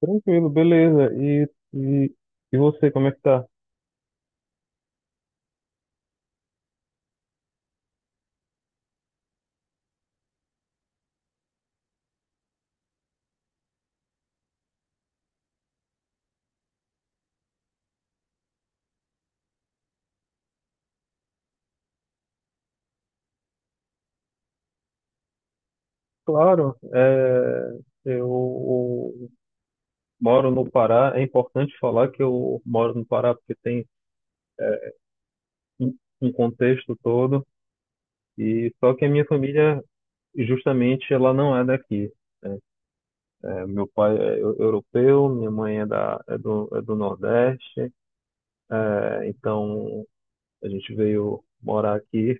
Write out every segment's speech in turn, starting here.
Tranquilo, beleza. E, e você, como é que tá? Claro, eu moro no Pará. É importante falar que eu moro no Pará porque tem é, um um contexto todo. E só que a minha família, justamente, ela não é daqui, né? É, meu pai é europeu, minha mãe é, é do Nordeste. É, então a gente veio morar aqui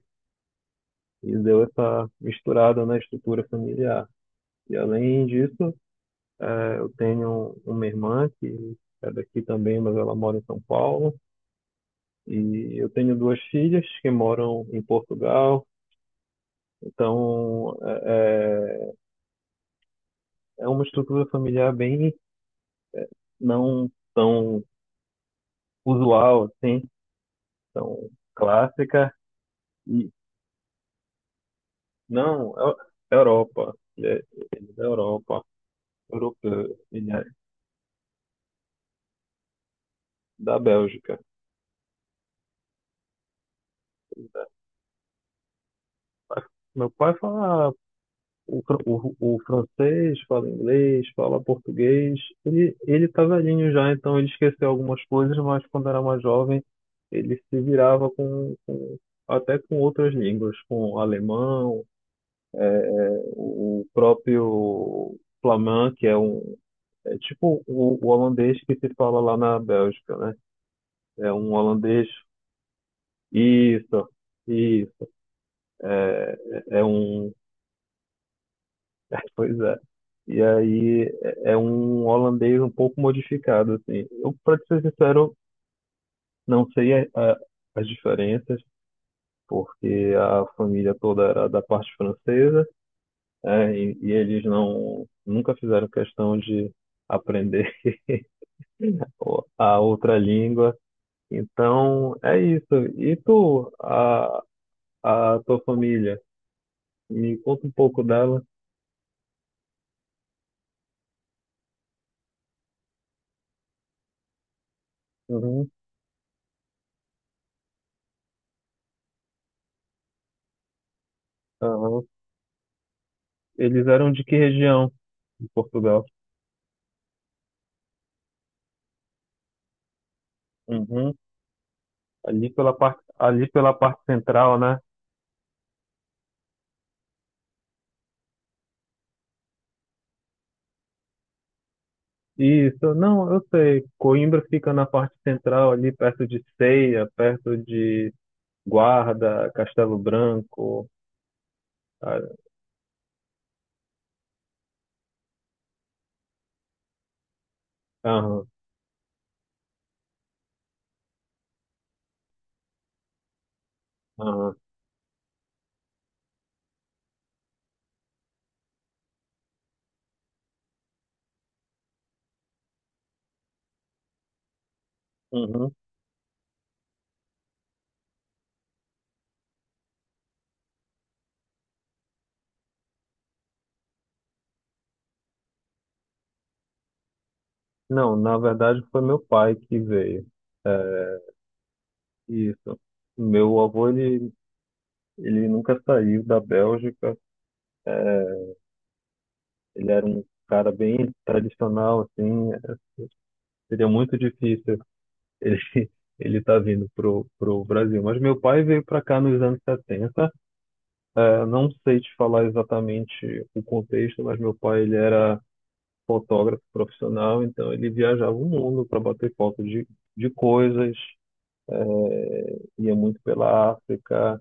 e deu essa misturada na estrutura familiar. E além disso, eu tenho uma irmã que é daqui também, mas ela mora em São Paulo. E eu tenho duas filhas que moram em Portugal. Então, é uma estrutura familiar bem não tão usual, assim, tão clássica. E, não, é Europa. Ele é da Europa, europeu, ele é da Bélgica. Meu pai fala o, o francês, fala inglês, fala português. Ele tá velhinho já, então ele esqueceu algumas coisas, mas quando era mais jovem, ele se virava até com outras línguas, com alemão, é, é, o próprio flamand, que é é tipo o holandês que se fala lá na Bélgica, né? É um holandês. Isso, isso. É, é um Pois é. E aí é um holandês um pouco modificado, assim. Eu, para ser sincero, não sei as diferenças, porque a família toda era da parte francesa, e eles nunca fizeram questão de aprender a outra língua. Então, é isso. E tu, a tua família, me conta um pouco dela. Uhum, aham. Eles eram de que região de Portugal? Uhum. Ali pela parte central, né? Isso, não, eu sei. Coimbra fica na parte central, ali perto de Ceia, perto de Guarda, Castelo Branco. Ah, aham, aham, uhum. Não, na verdade foi meu pai que veio. É, isso. Meu avô, ele nunca saiu da Bélgica. Ele era um cara bem tradicional, assim. Seria muito difícil. Ele ele tá vindo pro, pro Brasil. Mas meu pai veio para cá nos anos 70. Eu não sei te falar exatamente o contexto, mas meu pai ele era fotógrafo profissional, então ele viajava o mundo para bater foto de coisas, ia muito pela África.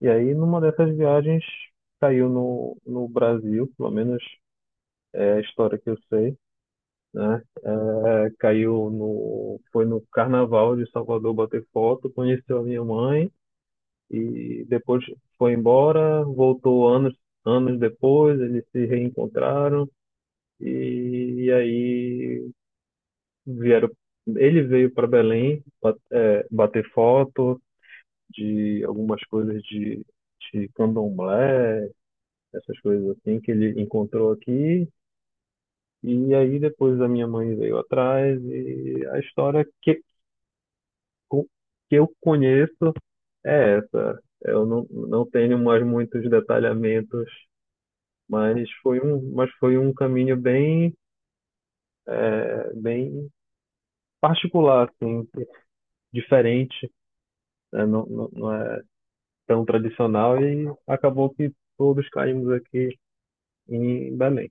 E aí, numa dessas viagens, caiu no Brasil, pelo menos é a história que eu sei, né? É, caiu no, foi no Carnaval de Salvador bater foto, conheceu a minha mãe, e depois foi embora, voltou anos, anos depois, eles se reencontraram e aí vieram. Ele veio para Belém bater foto de algumas coisas de candomblé, essas coisas assim que ele encontrou aqui. E aí depois a minha mãe veio atrás e a história co- que eu conheço é essa. Eu não tenho mais muitos detalhamentos. Mas foi um caminho bem, bem particular, assim, diferente, né? Não é tão tradicional e acabou que todos caímos aqui em Belém.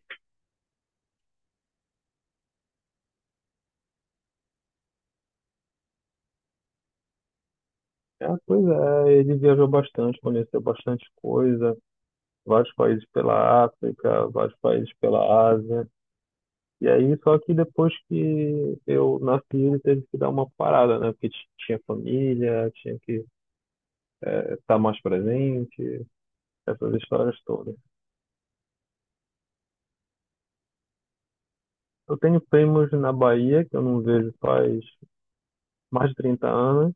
Ah, pois é, ele viajou bastante, conheceu bastante coisa, vários países pela África, vários países pela Ásia. E aí, só que depois que eu nasci, ele teve que dar uma parada, né? Porque tinha família, tinha que estar mais presente, essas histórias todas. Eu tenho primos na Bahia, que eu não vejo faz mais de 30 anos.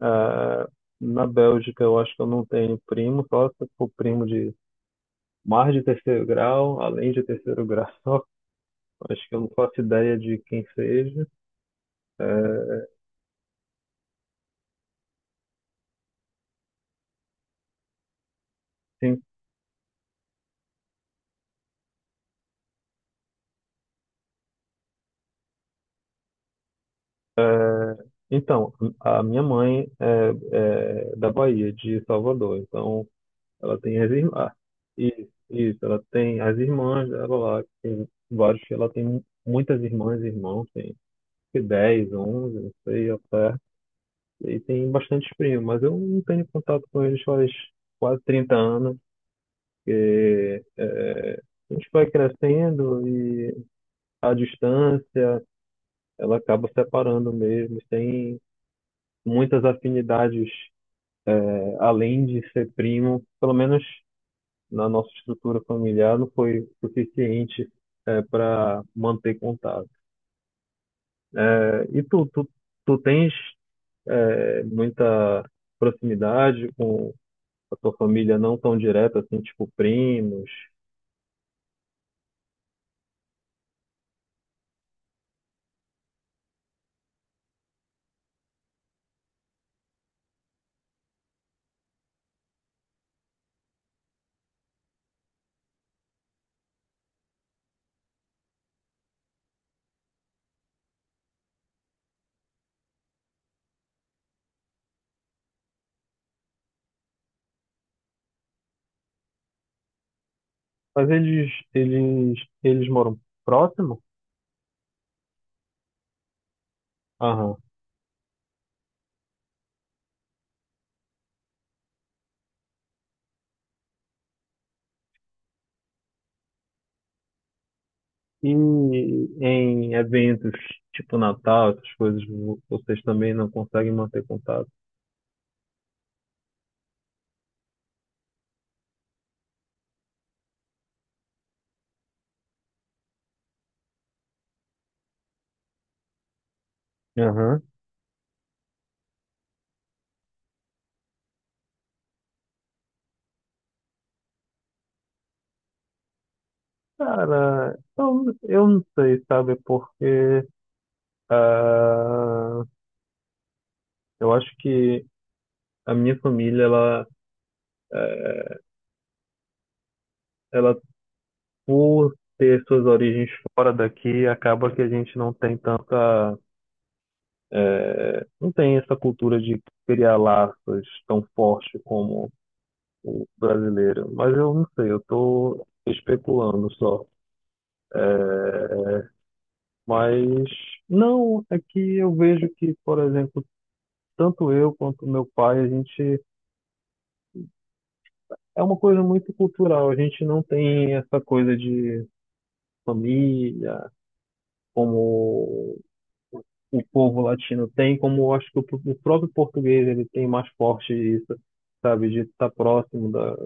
Ah, na Bélgica, eu acho que eu não tenho primo, só se for primo de mais de terceiro grau, além de terceiro grau. Acho que eu não faço ideia de quem seja. É, sim. Então, a minha mãe é da Bahia, de Salvador. Então, ela tem as irmãs. Isso, ela tem as irmãs dela lá. Tem vários, ela tem muitas irmãs e irmãos. Que 10, 11, não sei, até. E tem bastante primos, mas eu não tenho contato com eles faz quase 30 anos, porque é, a gente vai crescendo e a distância, ela acaba separando mesmo. Tem muitas afinidades, é, além de ser primo, pelo menos na nossa estrutura familiar, não foi suficiente para manter contato. É, e tu tens muita proximidade com a tua família não tão direta, assim, tipo primos. Mas eles moram próximo? Aham. E em eventos tipo Natal, essas coisas, vocês também não conseguem manter contato? Aham. Cara, eu não sei, sabe? Porque ah, eu acho que a minha família, ela, é, ela por ter suas origens fora daqui, acaba que a gente não tem tanta... É, não tem essa cultura de criar laços tão forte como o brasileiro. Mas eu não sei, eu estou especulando só. Mas não, é que eu vejo que, por exemplo, tanto eu quanto meu pai, a gente é uma coisa muito cultural. A gente não tem essa coisa de família como o povo latino tem, como eu acho que o próprio português ele tem mais forte isso, sabe, de estar próximo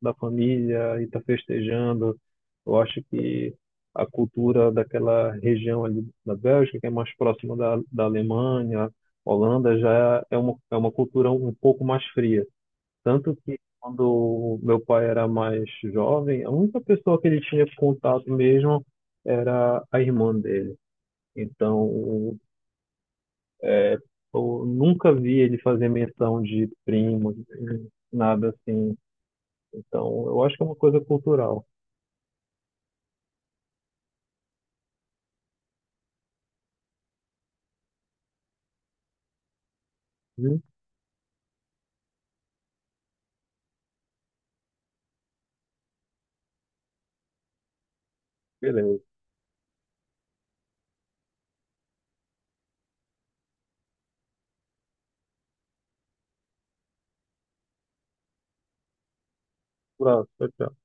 da família e estar festejando. Eu acho que a cultura daquela região ali da Bélgica, que é mais próxima da Alemanha, Holanda, já é uma cultura um pouco mais fria. Tanto que quando meu pai era mais jovem, a única pessoa que ele tinha contato mesmo era a irmã dele. Então, é, eu nunca vi ele fazer menção de primo, nada assim. Então, eu acho que é uma coisa cultural. Hum, Beleza. Abraço, tchau, tchau.